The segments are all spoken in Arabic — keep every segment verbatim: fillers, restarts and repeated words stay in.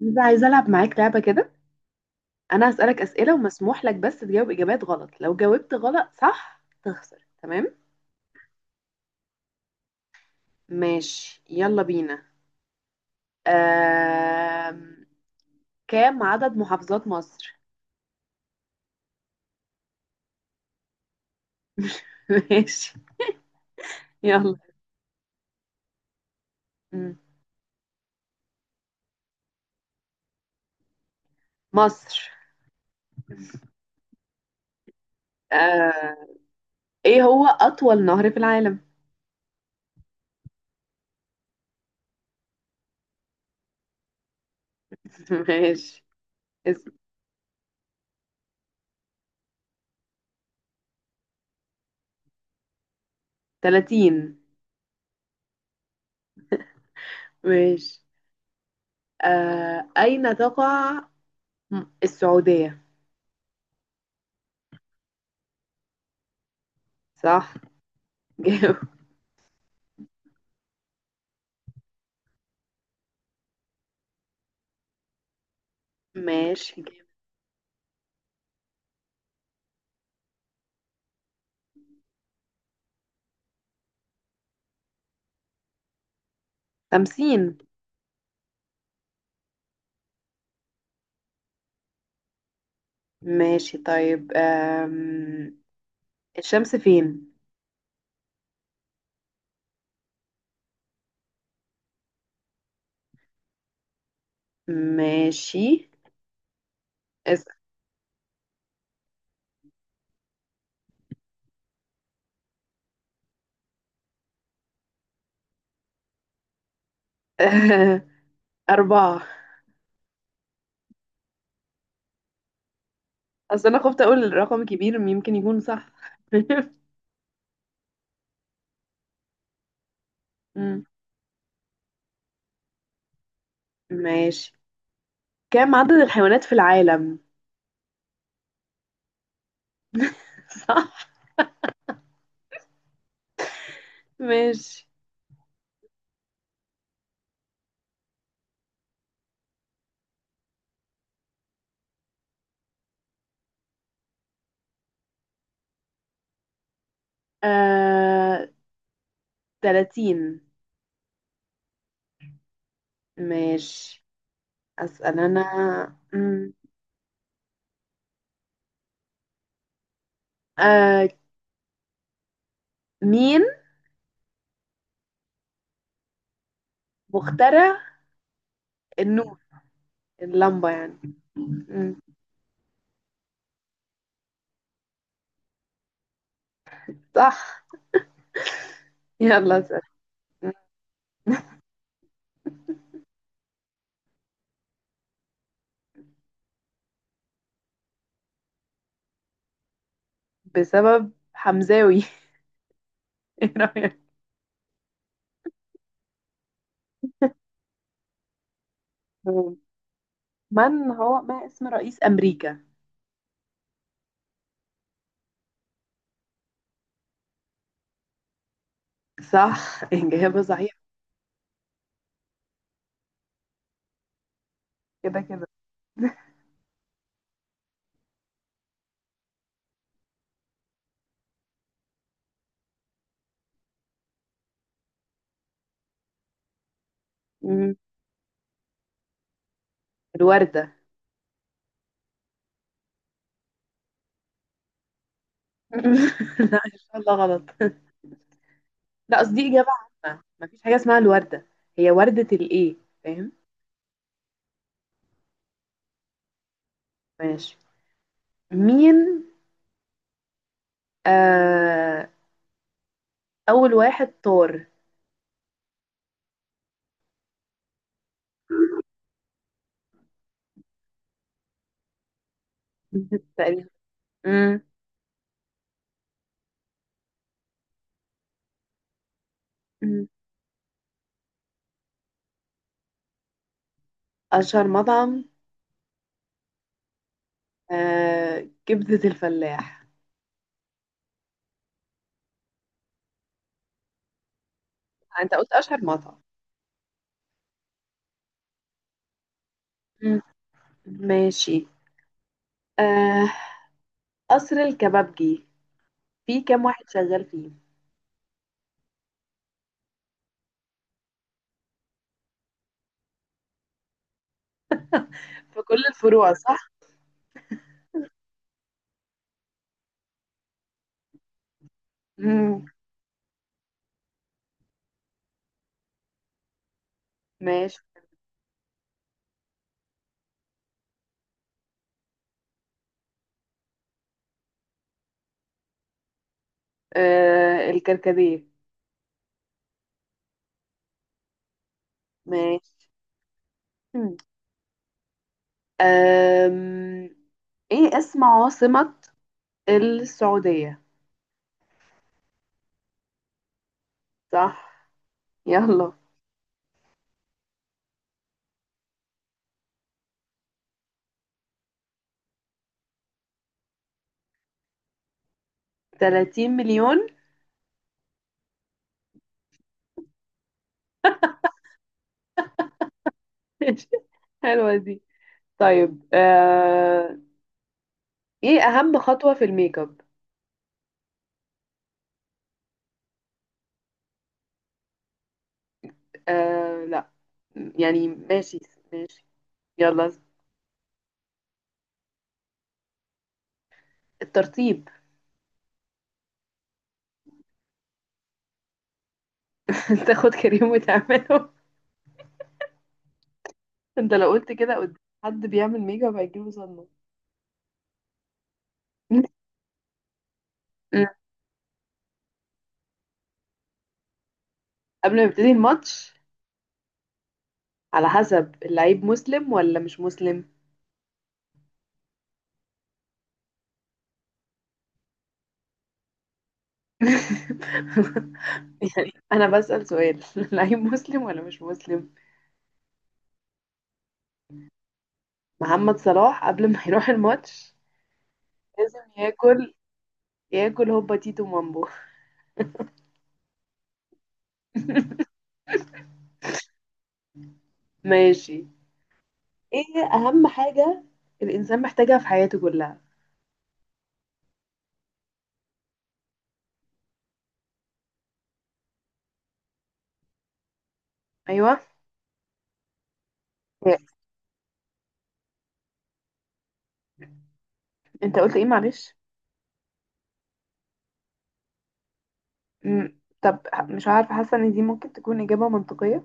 بس عايزة ألعب معاك لعبة كده. أنا هسألك أسئلة، ومسموح لك بس تجاوب إجابات غلط. لو جاوبت غلط صح تخسر. تمام؟ ماشي، يلا بينا. آم... كام عدد محافظات مصر؟ ماشي. يلا. مم. مصر. آه... إيه هو أطول نهر في العالم؟ ماشي. اسم. تلاتين. ماشي. آه... أين تقع م- السعودية؟ صح. جاوب. ماشي، جاوب. خمسين. ماشي، طيب. أم... الشمس فين؟ ماشي. اس... أربعة. أصل أنا خفت أقول رقم كبير يمكن يكون صح. مم. ماشي. كم عدد الحيوانات في العالم؟ صح. ماشي. آه... تلاتين. ماشي. أسأل أنا. مم. آه... مين مخترع النور؟ اللمبة يعني. مم. صح، يلا أسأل. بسبب حمزاوي. ايه رأيك؟ من هو ما اسم رئيس أمريكا؟ صح، إجابة صحيحة. كده كده. مم. الوردة. لا إن شاء الله غلط. لا قصدي إجابة. عامة مفيش حاجة اسمها الوردة. هي وردة الإيه؟ فاهم؟ ماشي. مين آه أول واحد طار؟ تقريبا. مم. مم. أشهر مطعم. آه كبدة الفلاح. أنت قلت أشهر مطعم. مم. ماشي. آه قصر الكبابجي. في كام واحد شغال فيه؟ في كل الفروع صح؟ امم ماشي. آه الكركديه. ماشي. مم. آم... ايه اسم عاصمة السعودية؟ صح، يلا. ثلاثين مليون. حلوة دي. طيب، آه... ايه اهم خطوة في الميك اب؟ آه، لا. يعني ماشي. ماشي، يلا. الترطيب. تاخد كريم وتعمله. انت لو قلت كده قدام حد بيعمل ميك اب هيجيله صدمة. مم. قبل ما يبتدي الماتش، على حسب اللعيب مسلم ولا مش مسلم. يعني انا بسأل سؤال. اللعيب مسلم ولا مش مسلم. محمد صلاح قبل ما يروح الماتش لازم ياكل. ياكل هوبا تيتو مامبو. ماشي. ايه اهم حاجة الانسان محتاجها في حياته كلها؟ ايوه. انت قلت ايه معلش؟ مم. طب، مش عارفة. حاسة ان دي ممكن تكون اجابة منطقية.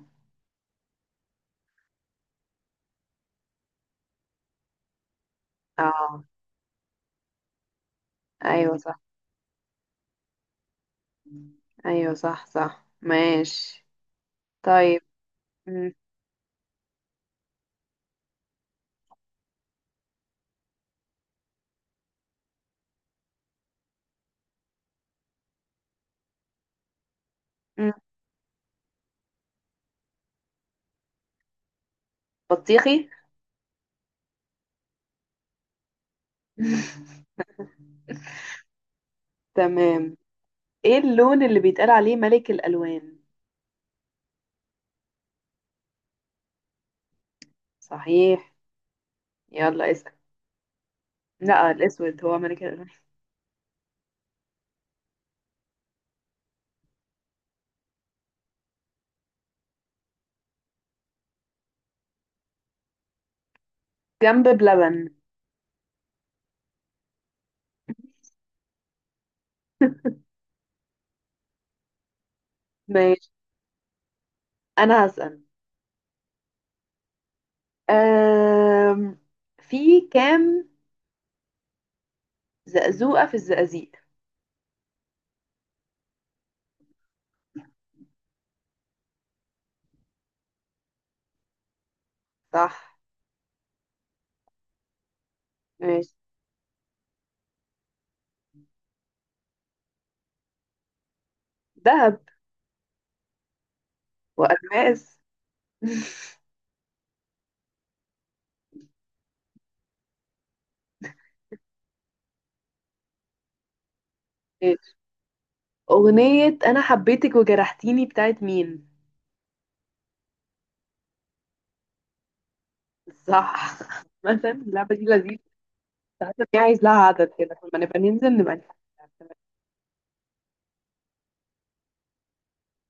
اه، ايوه صح. ايوه، صح صح. ماشي. طيب. م- م- بطيخي. تمام. ايه اللون اللي بيتقال عليه ملك الالوان؟ صحيح. يلا اسال. لا، الاسود هو ملك الالوان. جنب بلبن. ماشي. انا هسال. أم... في كام زقزوقه في الزقازيق؟ صح. ماشي. ذهب. والماس. ماشي. اغنيه انا حبيتك وجرحتيني بتاعت مين؟ صح. مثلا اللعبة دي لذيذة. حاسة إن هي عايز لها عدد كده، لما نبقى ننزل نبقى نلعب.